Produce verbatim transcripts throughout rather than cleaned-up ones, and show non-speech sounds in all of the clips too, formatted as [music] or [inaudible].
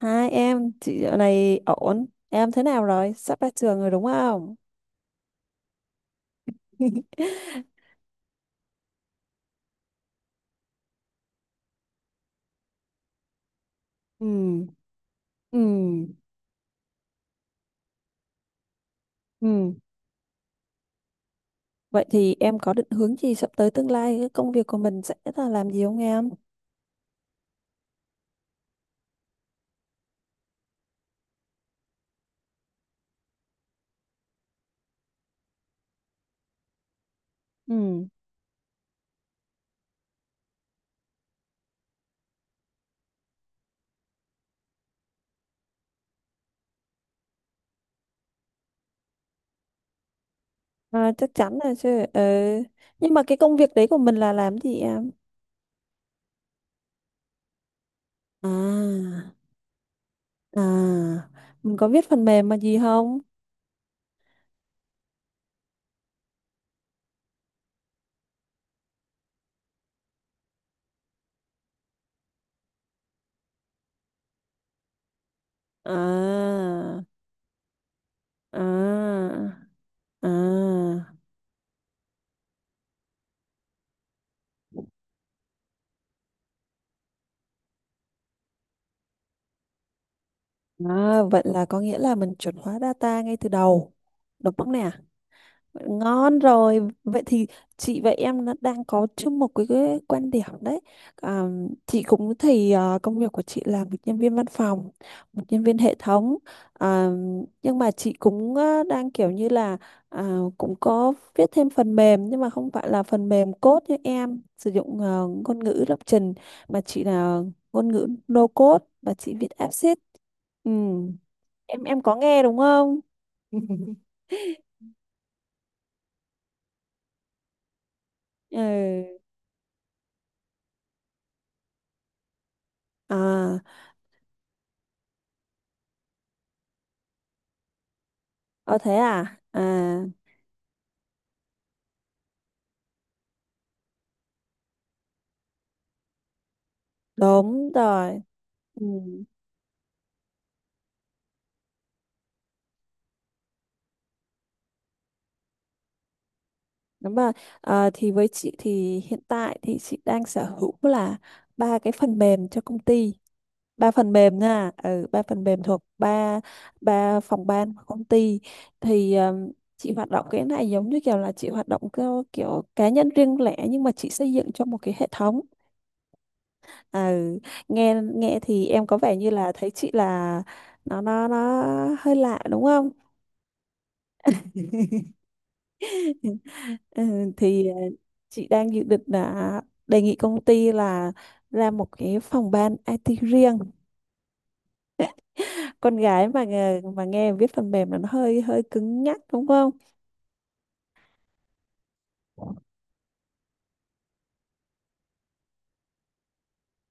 Hai em, chị dạo này ổn. Em thế nào rồi? Sắp ra trường rồi đúng không? [laughs] Ừ, ừ, ừ. Vậy thì em có định hướng gì sắp tới tương lai? Cái công việc của mình sẽ là làm gì không em? Ừ, à, chắc chắn là chứ. Ừ. Nhưng mà cái công việc đấy của mình là làm gì em? À, à, mình có viết phần mềm mà gì không? À, à, à. À, vậy là có nghĩa là mình chuẩn hóa data ngay từ đầu. Đúng không nè? Vậy Ngon rồi. Vậy thì chị và em nó đang có chung một cái, cái quan điểm đấy. À, chị cũng thì à, công việc của chị là một nhân viên văn phòng, một nhân viên hệ thống. À, nhưng mà chị cũng à, đang kiểu như là à, cũng có viết thêm phần mềm, nhưng mà không phải là phần mềm code như em sử dụng, à, ngôn ngữ lập trình, mà chị là ngôn ngữ no code và chị viết app sheet. Ừ, em em có nghe đúng không? [laughs] ừ à ờ thế à à đúng rồi ừ. Đúng rồi. Ờ, thì với chị thì hiện tại thì chị đang sở hữu là ba cái phần mềm cho công ty, ba phần mềm nha, ừ, ba phần mềm thuộc ba ba phòng ban của công ty. Thì ừm, chị hoạt động cái này giống như kiểu là chị hoạt động theo kiểu cá nhân riêng lẻ, nhưng mà chị xây dựng cho một cái hệ thống. À, nghe nghe thì em có vẻ như là thấy chị là nó nó nó hơi lạ đúng không? [laughs] Ừ, thì ờ, chị đang dự định là đề nghị công ty là ra một cái phòng ban i tê riêng. [laughs] Con gái mà nghe, mà nghe viết phần mềm là nó hơi hơi cứng nhắc đúng không?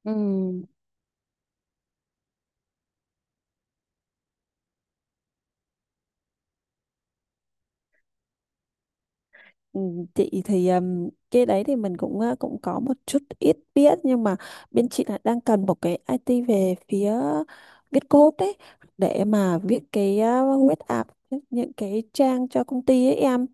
Ừ. Ừ, Chị thì um, cái đấy thì mình cũng uh, cũng có một chút ít biết, nhưng mà bên chị là đang cần một cái i tê về phía viết code đấy, để mà viết cái uh, web app, những cái trang cho công ty ấy em.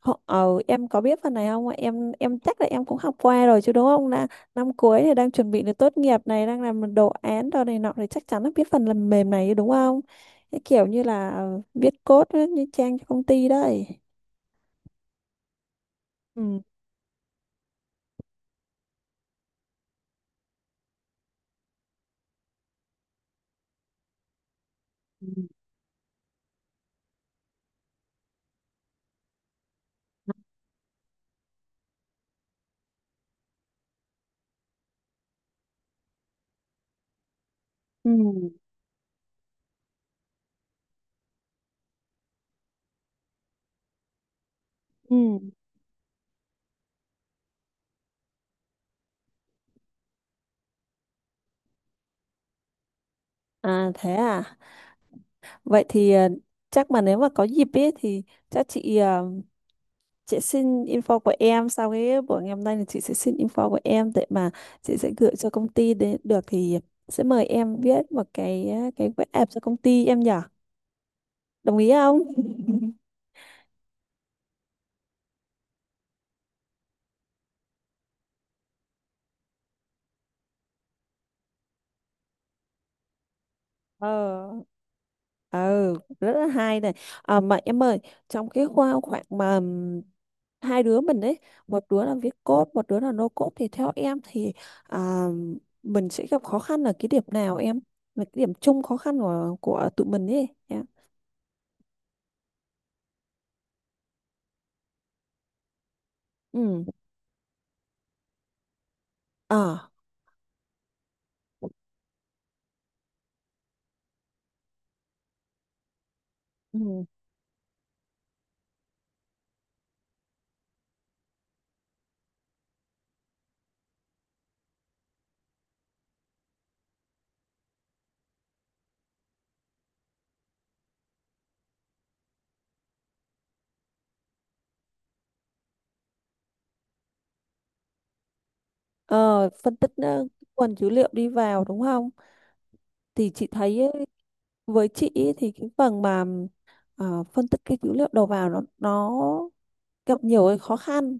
Họ- ờ, em có biết phần này không ạ? em em chắc là em cũng học qua rồi chứ đúng không, là năm cuối thì đang chuẩn bị để tốt nghiệp này, đang làm đồ án đồ này nọ thì chắc chắn là biết phần làm mềm này chứ đúng không, cái kiểu như là ờ, viết code ấy, như trang cho công ty đấy. Ừ. Ừ. Ừ. À, thế à. Vậy thì ờ, chắc mà nếu mà có dịp ấy thì chắc chị, ờ, chị xin info của em sau cái buổi ngày hôm nay, thì chị sẽ xin info của em để mà chị sẽ gửi cho công ty, để được thì sẽ mời em viết một cái ờ, cái web app cho công ty em nhỉ. Đồng ý không? [laughs] Ờ. ừ rất là hay này. À, mà em ơi, trong cái khoa khoảng mà ừm, hai đứa mình ấy, một đứa là viết code, một đứa là no code, thì theo em thì à, mình sẽ gặp khó khăn ở cái điểm nào em, là cái điểm chung khó khăn của của tụi mình ấy em? Ừ à ừ. Ờ, phân tích, ờ, nguồn dữ liệu đi vào đúng không, thì chị thấy ấy, với chị ấy, thì cái phần mà ờ, phân tích cái dữ liệu đầu vào nó nó gặp nhiều cái khó khăn.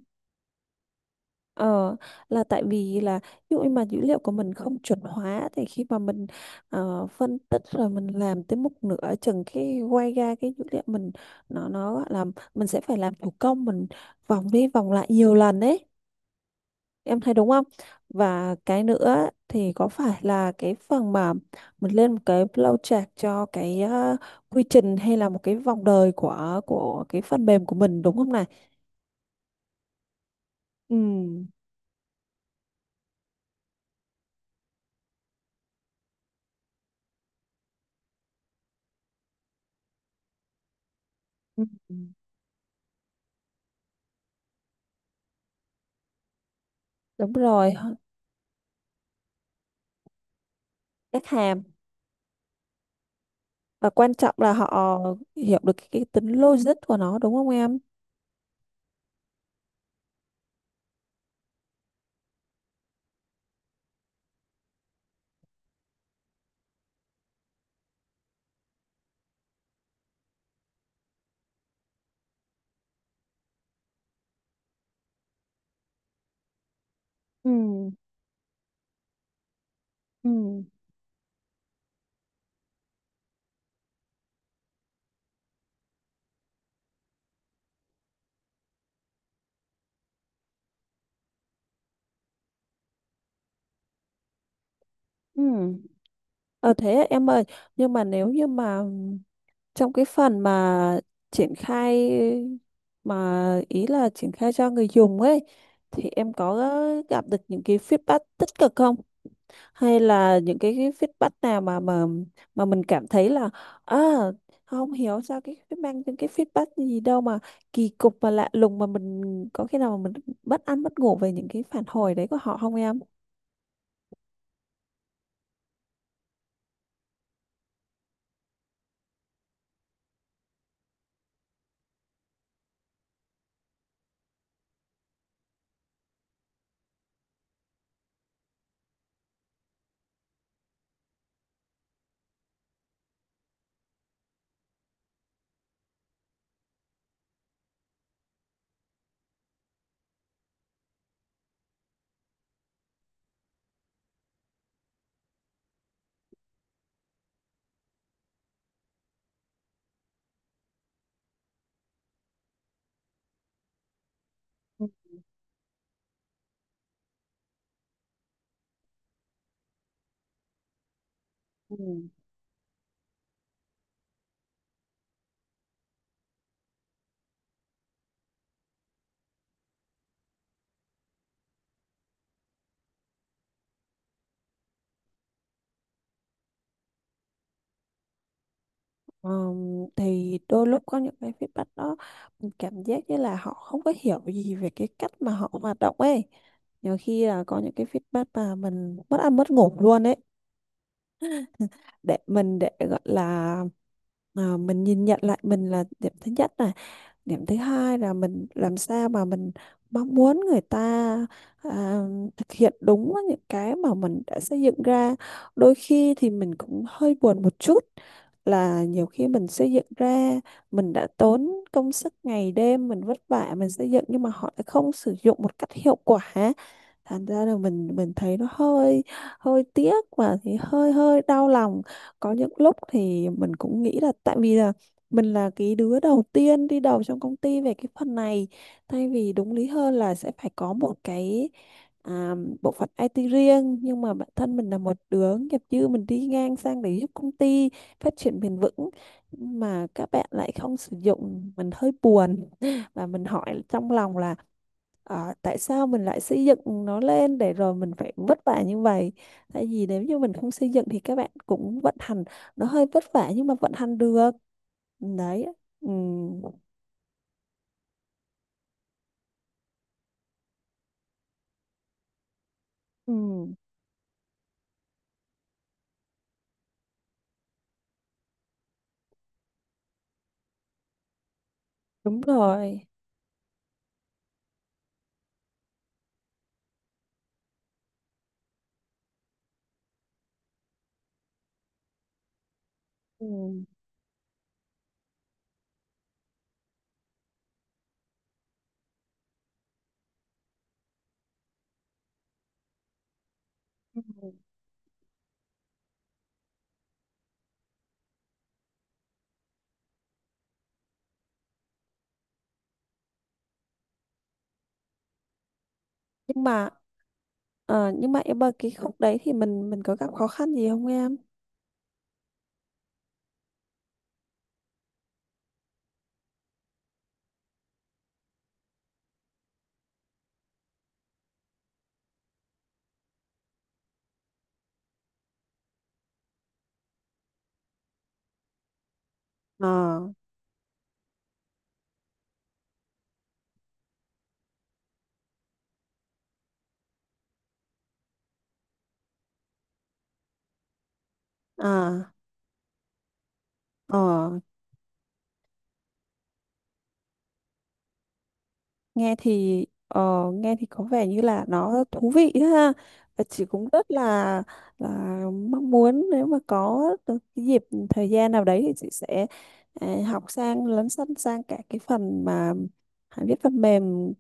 Ờ, là tại vì là ví dụ như mà dữ liệu của mình không chuẩn hóa, thì khi mà mình ờ, phân tích rồi mình làm tới một nửa chừng cái quay ra cái dữ liệu mình, nó nó gọi là mình sẽ phải làm thủ công, mình vòng đi vòng lại nhiều lần đấy, em thấy đúng không? Và cái nữa thì có phải là cái phần mà mình lên một cái flow chart cho cái ờ, quy trình, hay là một cái vòng đời của của cái phần mềm của mình đúng không này? Ừ Ừ. đúng rồi Các hàm, và quan trọng là họ hiểu được cái, cái tính logic của nó đúng không em? Ừ ừ ừ ờ Thế em ơi, nhưng mà nếu như mà trong cái phần mà triển khai, mà ý là triển khai cho người dùng ấy, thì em có gặp được những cái feedback tích cực không, hay là những cái, cái feedback nào mà mà mà mình cảm thấy là, à, không hiểu sao cái cái mang những cái feedback gì đâu mà kỳ cục và lạ lùng, mà mình có khi nào mà mình bất ăn bất ngủ về những cái phản hồi đấy của họ không em? Ừ. Ừ. Ờm, thì đôi lúc có những cái feedback đó mình cảm giác như là họ không có hiểu gì về cái cách mà họ hoạt động ấy, nhiều khi là có những cái feedback mà mình mất ăn mất ngủ luôn ấy, để mình, để gọi là à, mình nhìn nhận lại mình là điểm thứ nhất này, điểm thứ hai là mình làm sao mà mình mong muốn người ta à, thực hiện đúng với những cái mà mình đã xây dựng ra. Đôi khi thì mình cũng hơi buồn một chút, là nhiều khi mình xây dựng ra, mình đã tốn công sức ngày đêm, mình vất vả mình xây dựng nhưng mà họ lại không sử dụng một cách hiệu quả, thành ra là mình mình thấy nó hơi hơi tiếc, và thì hơi hơi đau lòng. Có những lúc thì mình cũng nghĩ là tại vì là mình là cái đứa đầu tiên đi đầu trong công ty về cái phần này, thay vì đúng lý hơn là sẽ phải có một cái à, bộ phận i tê riêng, nhưng mà bản thân mình là một đứa nghiệp dư, mình đi ngang sang để giúp công ty phát triển bền vững mà các bạn lại không sử dụng, mình hơi buồn, và mình hỏi trong lòng là: Ờ, tại sao mình lại xây dựng nó lên để rồi mình phải vất vả như vậy? Tại vì nếu như mình không xây dựng thì các bạn cũng vận hành, nó hơi vất vả nhưng mà vận hành được. Đấy. Ừ, ừ đúng rồi. ừ Nhưng mà ờ, nhưng mà em ơi, cái khúc đấy thì mình mình có gặp khó khăn gì không em? Ờ à ờ nghe thì ờ, nghe thì có vẻ như là nó thú vị đấy ha, và chị cũng rất là là mong muốn, nếu mà có được cái dịp thời gian nào đấy thì chị sẽ à, học sang lấn sân sang cả cái phần mà hãy viết phần mềm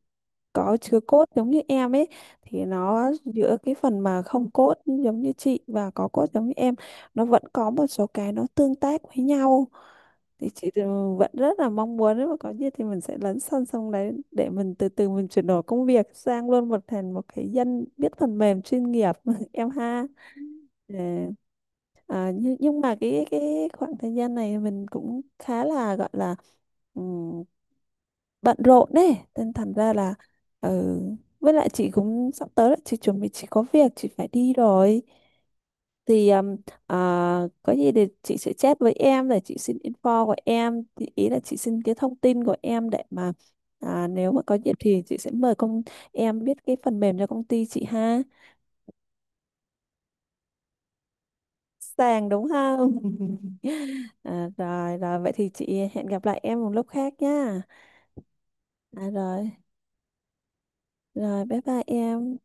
có chứa code giống như em ấy, thì nó giữa cái phần mà không code giống như chị và có code giống như em, nó vẫn có một số cái nó tương tác với nhau. Thì chị thì vẫn rất là mong muốn, nếu mà có gì thì mình sẽ lấn sân sông đấy, để mình từ từ mình chuyển đổi công việc sang luôn, một thành một cái dân biết phần mềm chuyên nghiệp. [laughs] Em ha. Để- à, nhưng, nhưng mà cái cái khoảng thời gian này mình cũng khá là gọi là ừm, bận rộn đấy, nên thành ra là ừ, với lại chị cũng sắp tới là chị chuẩn bị, chị có việc chị phải đi rồi, thì um, à, có gì thì chị sẽ chat với em để chị xin info của em, thì ý là chị xin cái thông tin của em để mà, à, nếu mà có dịp thì chị sẽ mời công em biết cái phần mềm cho công ty chị ha. Sàng đúng không? [laughs] À, rồi rồi, vậy thì chị hẹn gặp lại em một lúc khác nhá. À, rồi. Rồi bye bye em.